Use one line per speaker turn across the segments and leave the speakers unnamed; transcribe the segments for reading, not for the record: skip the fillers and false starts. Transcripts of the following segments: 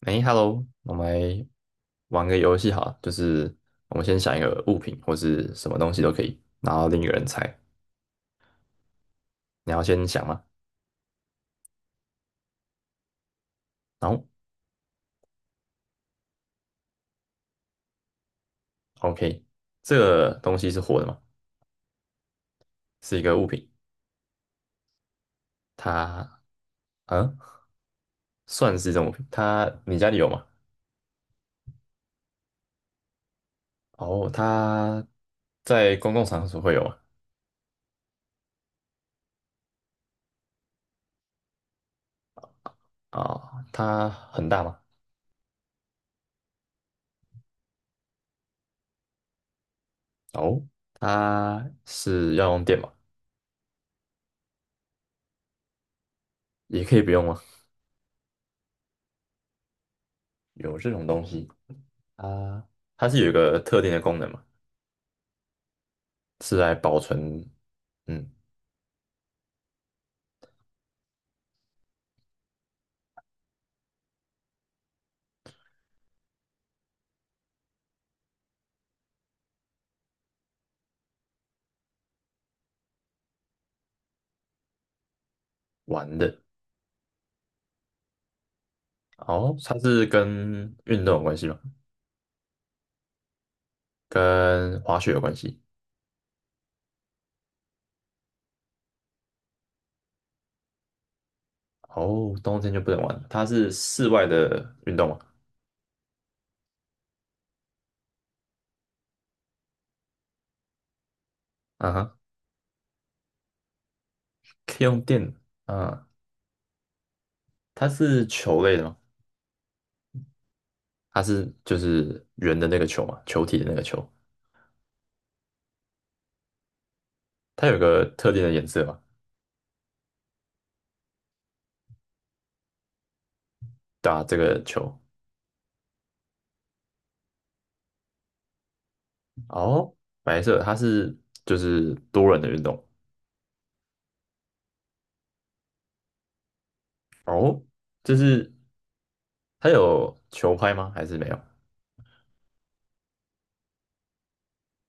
哎，Hello，我们来玩个游戏好了，就是我们先想一个物品或是什么东西都可以，然后另一个人猜。你要先想吗？然后 OK，这个东西是活的吗？是一个物品，它嗯，算是一种物品。它你家里有吗？哦，它在公共场所会有吗？啊、它很大吗？哦，它是要用电吗？也可以不用吗？有这种东西，啊？它是有一个特定的功能吗？是来保存嗯玩的。哦，它是跟运动有关系吗？跟滑雪有关系？哦，冬天就不能玩了，它是室外的运动吗？啊哈，可以用电。啊，它是球类的吗？它是就是圆的那个球嘛，球体的那个球。它有个特定的颜色嘛？对啊，这个球。哦，白色，它是就是多人的运动。哦，就是它有球拍吗？还是没有？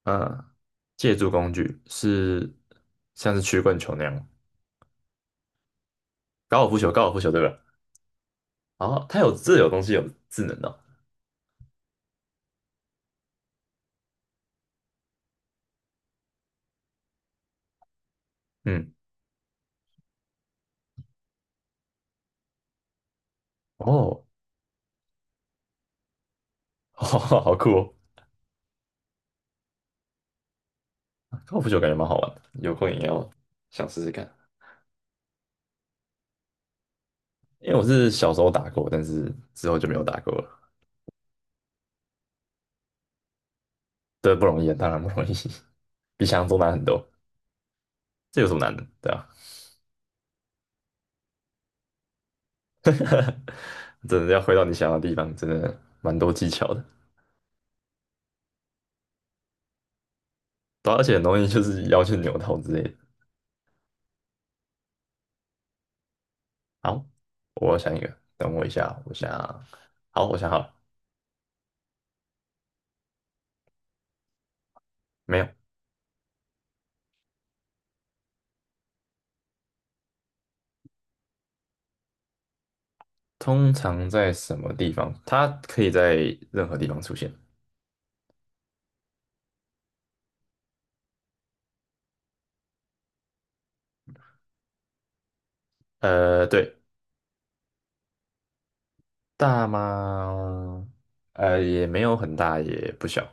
嗯，借助工具是像是曲棍球那样，高尔夫球，高尔夫球对吧？哦，它有这有东西有智能的哦，嗯，哦，好酷哦，高尔夫球感觉蛮好玩的，有空也要想试试看。因为我是小时候打过，但是之后就没有打过了。对，不容易啊，当然不容易，比想象中难很多。这有什么难的？对啊，真的要回到你想要的地方，真的蛮多技巧的。对啊，而且很容易就是腰去扭头之类的。好，我想一个，等我一下，我想，好，我想好了，没有。通常在什么地方？它可以在任何地方出现。呃，对，大吗？呃，也没有很大，也不小。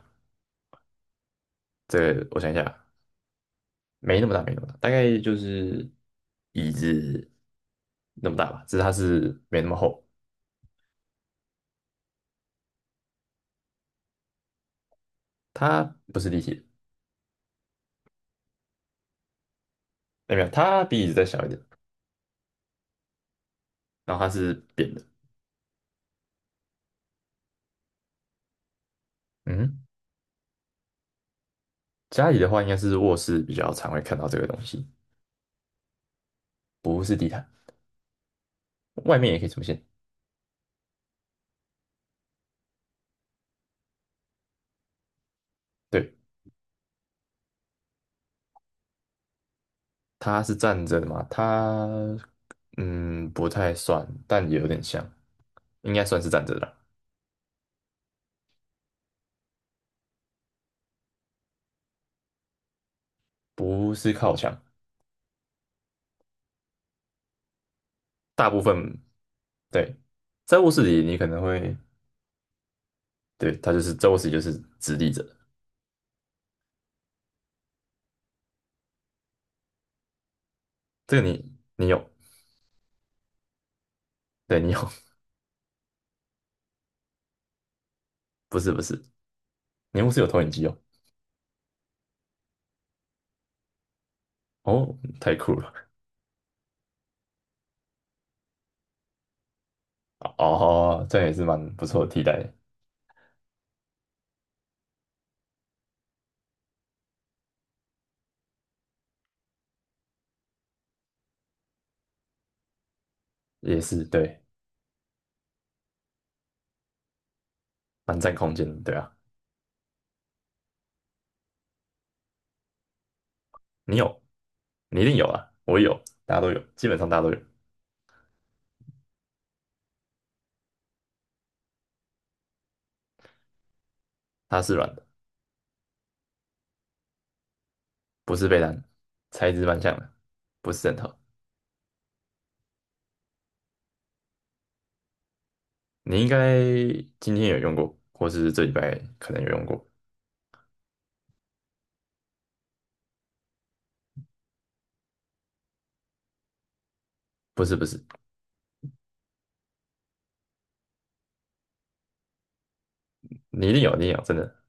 这个我想一下，没那么大，没那么大，大概就是椅子那么大吧，只是它是没那么厚，它不是立体的，哎没有，它比椅子再小一点，然后它是扁的。嗯，家里的话应该是卧室比较常会看到这个东西。不是地毯，外面也可以出现。对，它是站着的嘛？它嗯不太算，但也有点像，应该算是站着的啦，不是靠墙。大部分对，在卧室里你可能会，对，它就是在卧室里就是直立着的，这个你有，对，你有，不是不是，你卧室有投影机哦。哦，太酷了！哦，这样也是蛮不错的替代，也是对，蛮占空间的，对啊。你有，你一定有啊，我有，大家都有，基本上大家都有。它是软的，不是被单，材质蛮像的，不是枕头。你应该今天有用过，或是这礼拜可能有用过。不是不是，你一定有，你一定有，真的。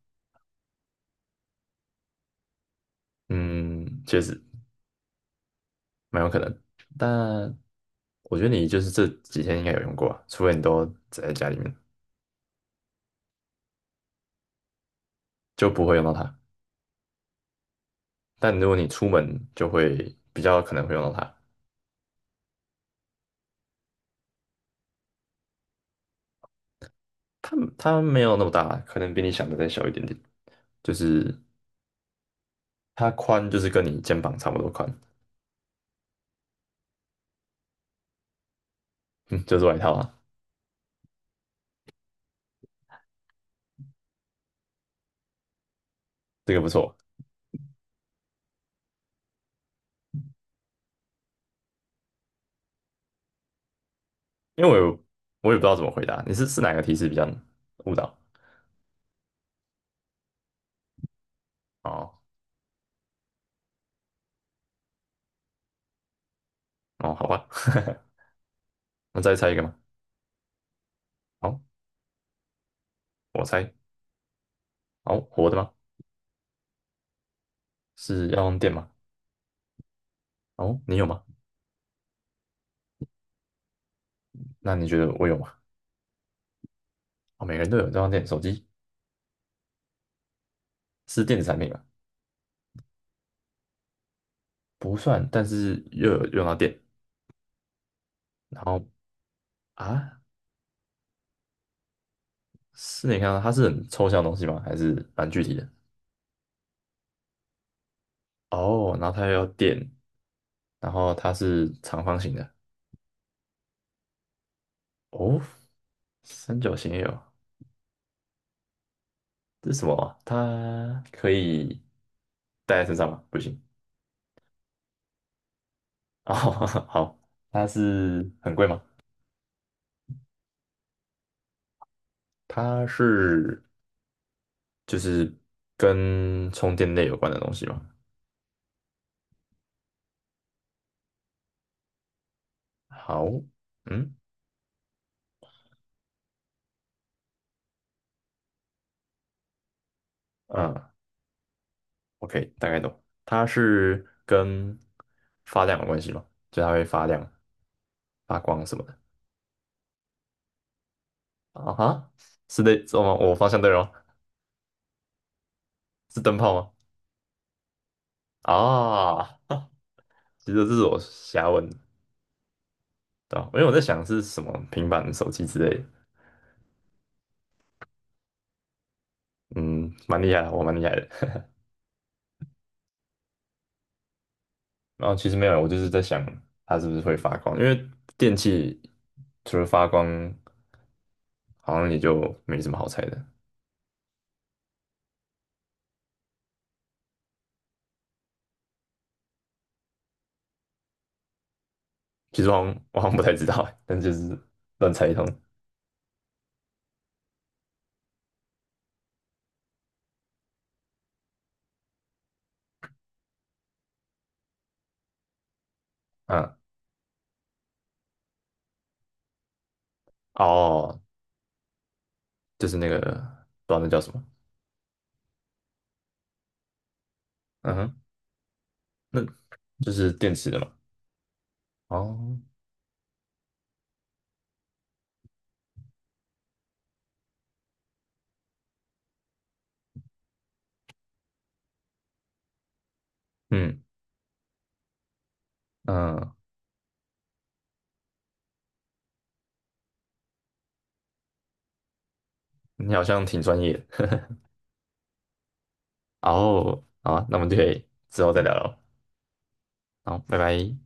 嗯，确实蛮有可能。但我觉得你就是这几天应该有用过啊，除非你都宅在家里面，就不会用到它。但如果你出门，就会比较可能会用到它。它它没有那么大，可能比你想的再小一点点。就是它宽，就是跟你肩膀差不多宽。嗯，就是外套啊，这个不错。因为我有，我也不知道怎么回答，你是是哪个提示比较误导？哦，哦，好吧，那再猜一个吗？好，我猜，好，活的吗？是要用电吗？哦，你有吗？那你觉得我有吗？哦，每个人都有，这样电，手机是电子产品吗？不算，但是又有用到电。然后啊，是你看到它是很抽象的东西吗？还是蛮具体的？哦，然后它又要电，然后它是长方形的。哦，三角形也有。这是什么啊，它可以带在身上吗？不行。哦，好，它是很贵吗？它是就是跟充电类有关的东西吗？好，嗯啊 OK 大概懂。它是跟发亮有关系吗？就它会发亮、发光什么的。啊哈，是的，是吗？我方向对了吗？是灯泡吗？啊，其实这是我瞎问的，对吧，因为我在想是什么平板、手机之类的。嗯，蛮厉害的，我蛮厉害的。然后其实没有，我就是在想它是不是会发光，因为电器除了发光，好像也就没什么好猜的。其实我好像，我好像不太知道欸，但就是乱猜一通。嗯，哦，就是那个，不知道那叫什么，嗯哼，那就是电池的嘛。哦，嗯嗯，你好像挺专业的。哦，好啊，那我们就可以之后再聊了。好，拜拜。